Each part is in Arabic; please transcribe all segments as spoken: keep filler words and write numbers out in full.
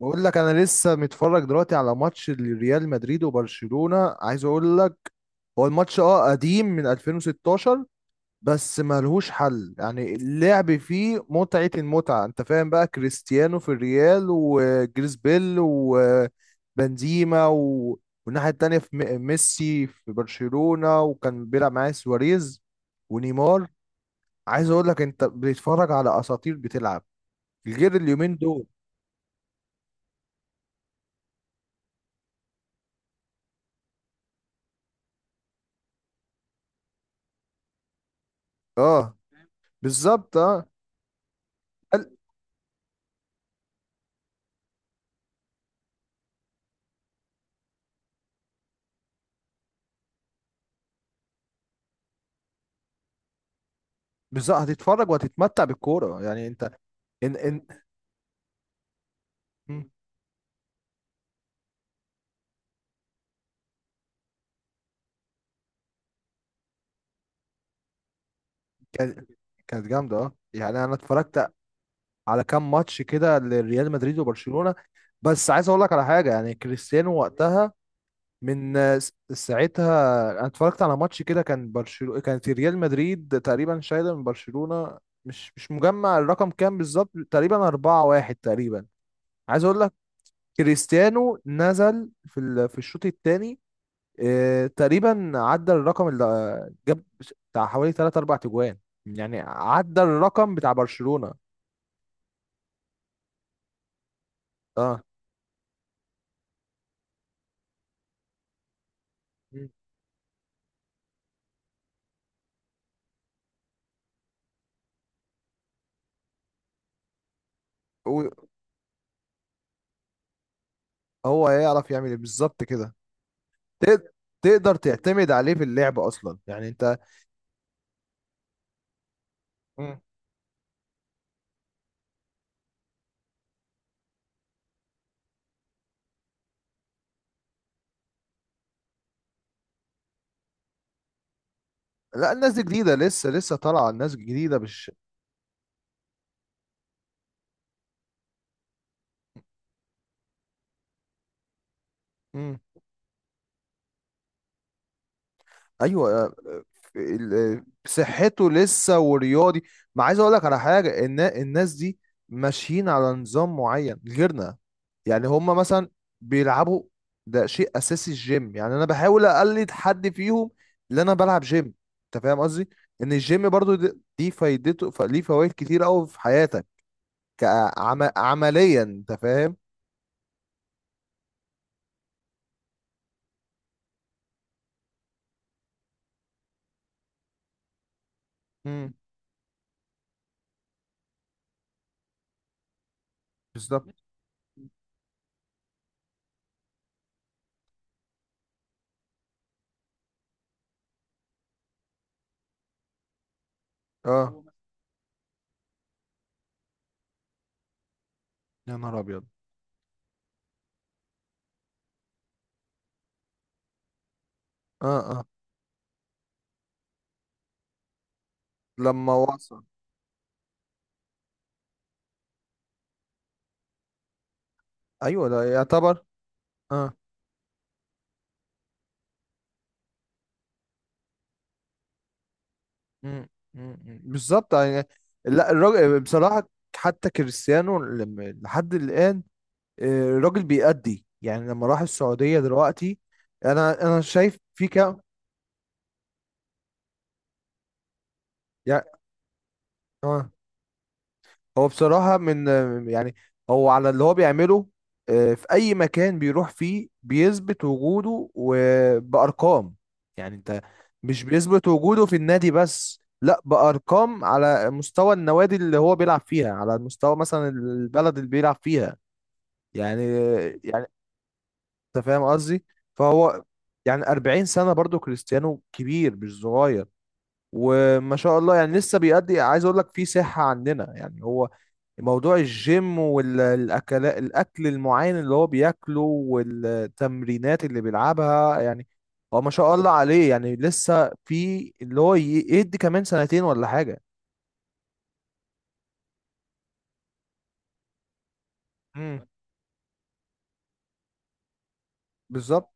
بقول لك انا لسه متفرج دلوقتي على ماتش ريال مدريد وبرشلونة. عايز اقول لك هو الماتش اه قديم من ألفين وستاشر. بس ملهوش حل، يعني اللعب فيه متعة المتعة. انت فاهم بقى، كريستيانو في الريال وجريس بيل وبنزيما و... والناحية التانية في م- ميسي في برشلونة، وكان بيلعب معاه سواريز ونيمار. عايز اقول لك انت بتتفرج على اساطير بتلعب، غير اليومين دول. اه. بالظبط اه. بالظبط هتتفرج وهتتمتع بالكوره، يعني انت. ان ان مم. كان- كانت جامده، اه يعني انا اتفرجت على كام ماتش كده لريال مدريد وبرشلونه. بس عايز اقول لك على حاجه، يعني كريستيانو وقتها، من آه، س- ساعتها. انا اتفرجت على ماتش كده، كان برشلونه، كانت ريال مدريد تقريبا شايله من برشلونه. مش مش مجمع الرقم كام بالظبط، تقريبا أربعة واحد تقريبا. عايز اقول لك كريستيانو نزل في ال... في الشوط الثاني. إيه، تقريبا عدى الرقم اللي آه، جاب، بتاع حوالي ثلاثة أربعة تجوان، يعني عدى الرقم بتاع برشلونة. اه. مم. و- هو هيعرف يعمل ايه بالظبط كده. تق- تقدر تعتمد عليه في اللعب اصلا، يعني انت. مم. لا، الناس دي جديدة، لسه لسه طالعة، الناس جديدة مش... ايوه. آه، ال- آه، صحته لسه ورياضي. ما عايز اقول لك على حاجه، ان الناس دي ماشيين على نظام معين غيرنا. يعني هم مثلا بيلعبوا. ده شيء اساسي الجيم، يعني انا بحاول اقلد حد فيهم، اللي انا بلعب جيم. انت فاهم قصدي؟ ان الجيم برضو د- دي فايدته، ف- ليه فوائد كتير قوي في حياتك كعمليا. انت فاهم؟ امم. بالظبط اه. يا نهار ابيض. اه، اه. لما وصل. ايوه، ده يعتبر. اه. مم. مم. مم. بالظبط يعني. لا، الراجل بصراحة، حتى كريستيانو لم- لحد الآن، آه، الراجل بيأدي. يعني لما راح السعودية دلوقتي، أنا أنا شايف في كام. يعني هو بصراحة من، يعني، هو على اللي هو بيعمله، آه، في أي مكان بيروح فيه بيثبت وجوده وبأرقام. يعني أنت، مش بيثبت وجوده في النادي بس، لا، بأرقام على مستوى النوادي اللي هو بيلعب فيها، على مستوى مثلا البلد اللي بيلعب فيها. يعني يعني أنت فاهم قصدي. فهو يعني أربعين سنة، برضو كريستيانو كبير مش صغير. وما شاء الله، يعني لسه بيأدي. عايز أقول لك في صحة عندنا. يعني هو موضوع الجيم والاكل، الاكل المعين اللي هو بياكله، والتمرينات اللي بيلعبها. يعني هو ما شاء الله عليه، يعني لسه في اللي هو ي- يدي كمان سنتين ولا حاجة. امم. بالظبط.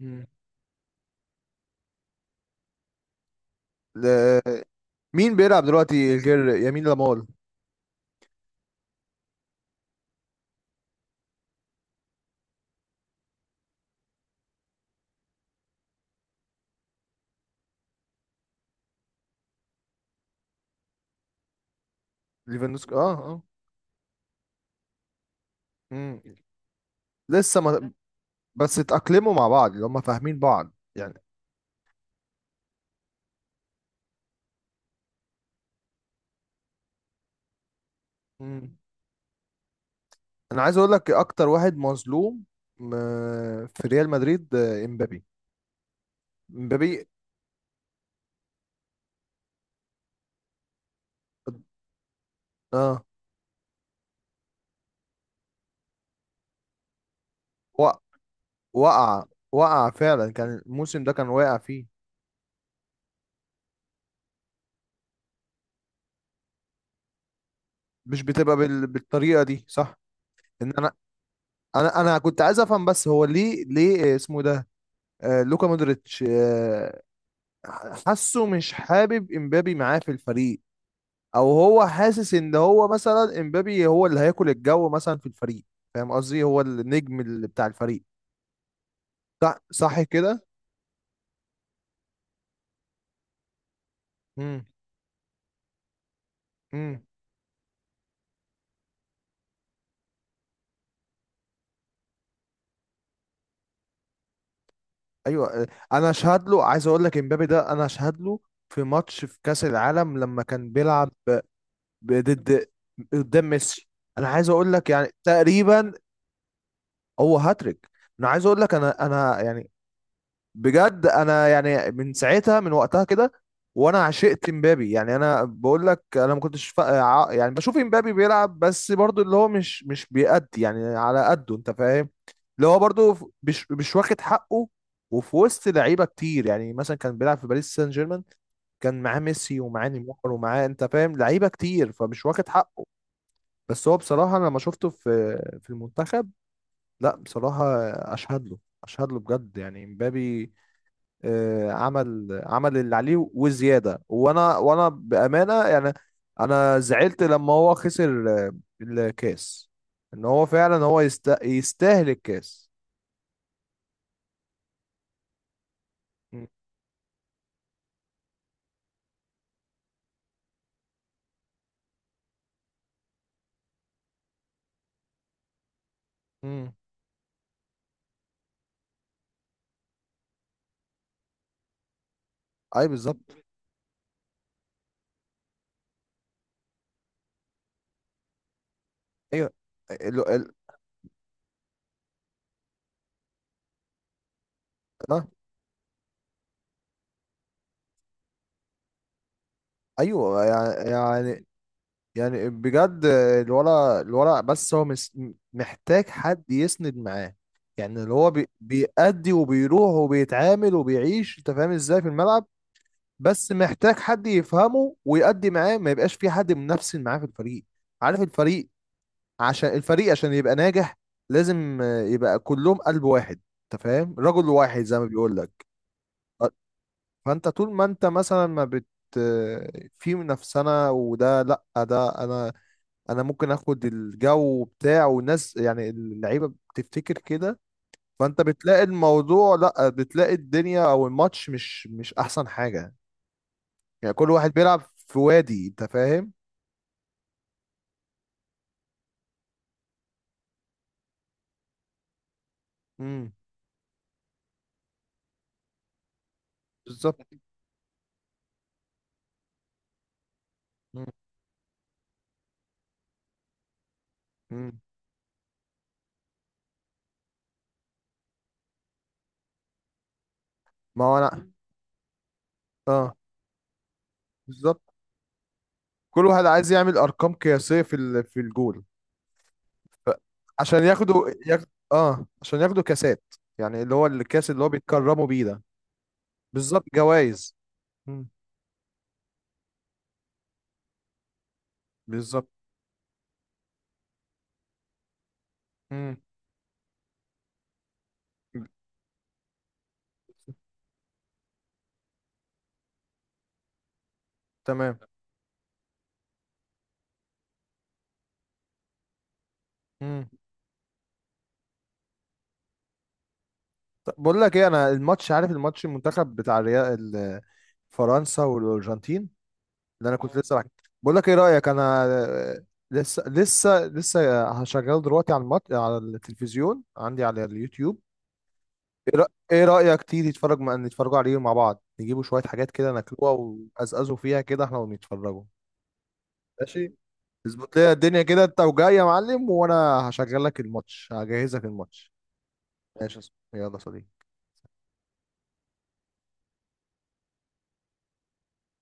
مم. ل- مين بيلعب دلوقتي غير يمين لامال؟ ليفاندوسكي، اه، اه. مم. لسه ما... بس اتأقلموا مع بعض، اللي هم فاهمين بعض يعني. مم. انا عايز اقول لك اكتر واحد مظلوم م- في ريال مدريد، آه، امبابي. امبابي. اه. و- وقع وقع فعلا، كان الموسم ده كان واقع فيه. مش بتبقى بال... بالطريقه دي، صح؟ ان انا انا انا كنت عايز افهم بس، هو ليه ليه اسمه ده، آه لوكا مودريتش، آه حاسه مش حابب امبابي معاه في الفريق، او هو حاسس ان هو مثلا امبابي هو اللي هياكل الجو مثلا في الفريق. فاهم قصدي، هو النجم اللي بتاع الفريق. صح، صح كده. امم. ايوه، انا اشهد له. عايز اقول لك امبابي ده، انا اشهد له في ماتش في كاس العالم لما كان بيلعب ب- ضد، قدام ميسي. انا عايز اقول لك يعني تقريبا هو هاتريك. انا عايز اقول لك انا انا يعني بجد. انا يعني من ساعتها، من وقتها كده، وانا عشقت مبابي. يعني انا بقول لك، انا ما كنتش فا... ع- يعني بشوف مبابي بيلعب، بس برضو اللي هو مش مش بيأدي يعني على قده، انت فاهم. اللي هو برضو ف- مش مش واخد حقه. وفي وسط لعيبه كتير، يعني مثلا كان بيلعب في باريس سان جيرمان، كان معاه ميسي ومعاه نيمار ومعاه، انت فاهم، لعيبه كتير، فمش واخد حقه. بس هو بصراحه، انا لما شفته في في المنتخب، لا بصراحه، اشهد له، اشهد له بجد. يعني مبابي آه، عمل عمل اللي عليه وزياده، وانا وانا بامانه يعني. انا زعلت لما هو خسر آه، الكاس. ان هو فعلا هو يست... يستاهل الكاس. مم. مم. اي بالظبط. ايوه. ال... ال... آه. ايوه، يعني يعني يعني بجد. الورق، الورق بس هو مس... محتاج حد يسند معاه، يعني اللي هو بي... بيأدي وبيروح وبيتعامل وبيعيش، انت فاهم ازاي في الملعب. بس محتاج حد يفهمه ويأدي معاه، ما يبقاش في حد منافسين معاه في الفريق. عارف، الفريق عشان الفريق عشان يبقى ناجح، لازم آه، يبقى كلهم قلب واحد. انت فاهم، رجل واحد زي ما بيقول لك. فانت طول ما انت مثلا ما بت آه، في منافسة، وده، لا، ده انا انا ممكن اخد الجو بتاع والناس، يعني اللعيبة بتفتكر كده. فانت بتلاقي الموضوع، لا، بتلاقي الدنيا او الماتش مش مش احسن حاجة. يعني كل واحد بيلعب في وادي، انت فاهم. امم. بالظبط. مم. مم. ما هو انا. اه. بالظبط. كل واحد عايز يعمل ارقام قياسيه في ال... في الجول. ف... عشان ياخدوا ياخد... اه عشان ياخدوا كاسات، يعني اللي هو الكاس اللي هو بيتكرموا بيه ده. بالظبط جوائز. مم. بالظبط. مم. تمام. مم. طب بقول لك ايه، انا الماتش، عارف الماتش، المنتخب بتاع الريال ال- فرنسا والارجنتين، اللي انا كنت لسه بحكي. بقول لك ايه رايك، انا آه، لسه لسه لسه هشغله دلوقتي على المط... على التلفزيون عندي على اليوتيوب. ايه رأ- إيه رايك تيجي تتفرج مع... نتفرجوا عليه مع بعض، نجيبوا شويه حاجات كده ناكلوها ونقزقزوا فيها كده احنا ونتفرجوا. ماشي. اظبط لي الدنيا كده انت وجاي يا معلم، وانا هشغل لك الماتش، هجهز لك الماتش. ماشي يا صاحبي. يلا يا صديقي.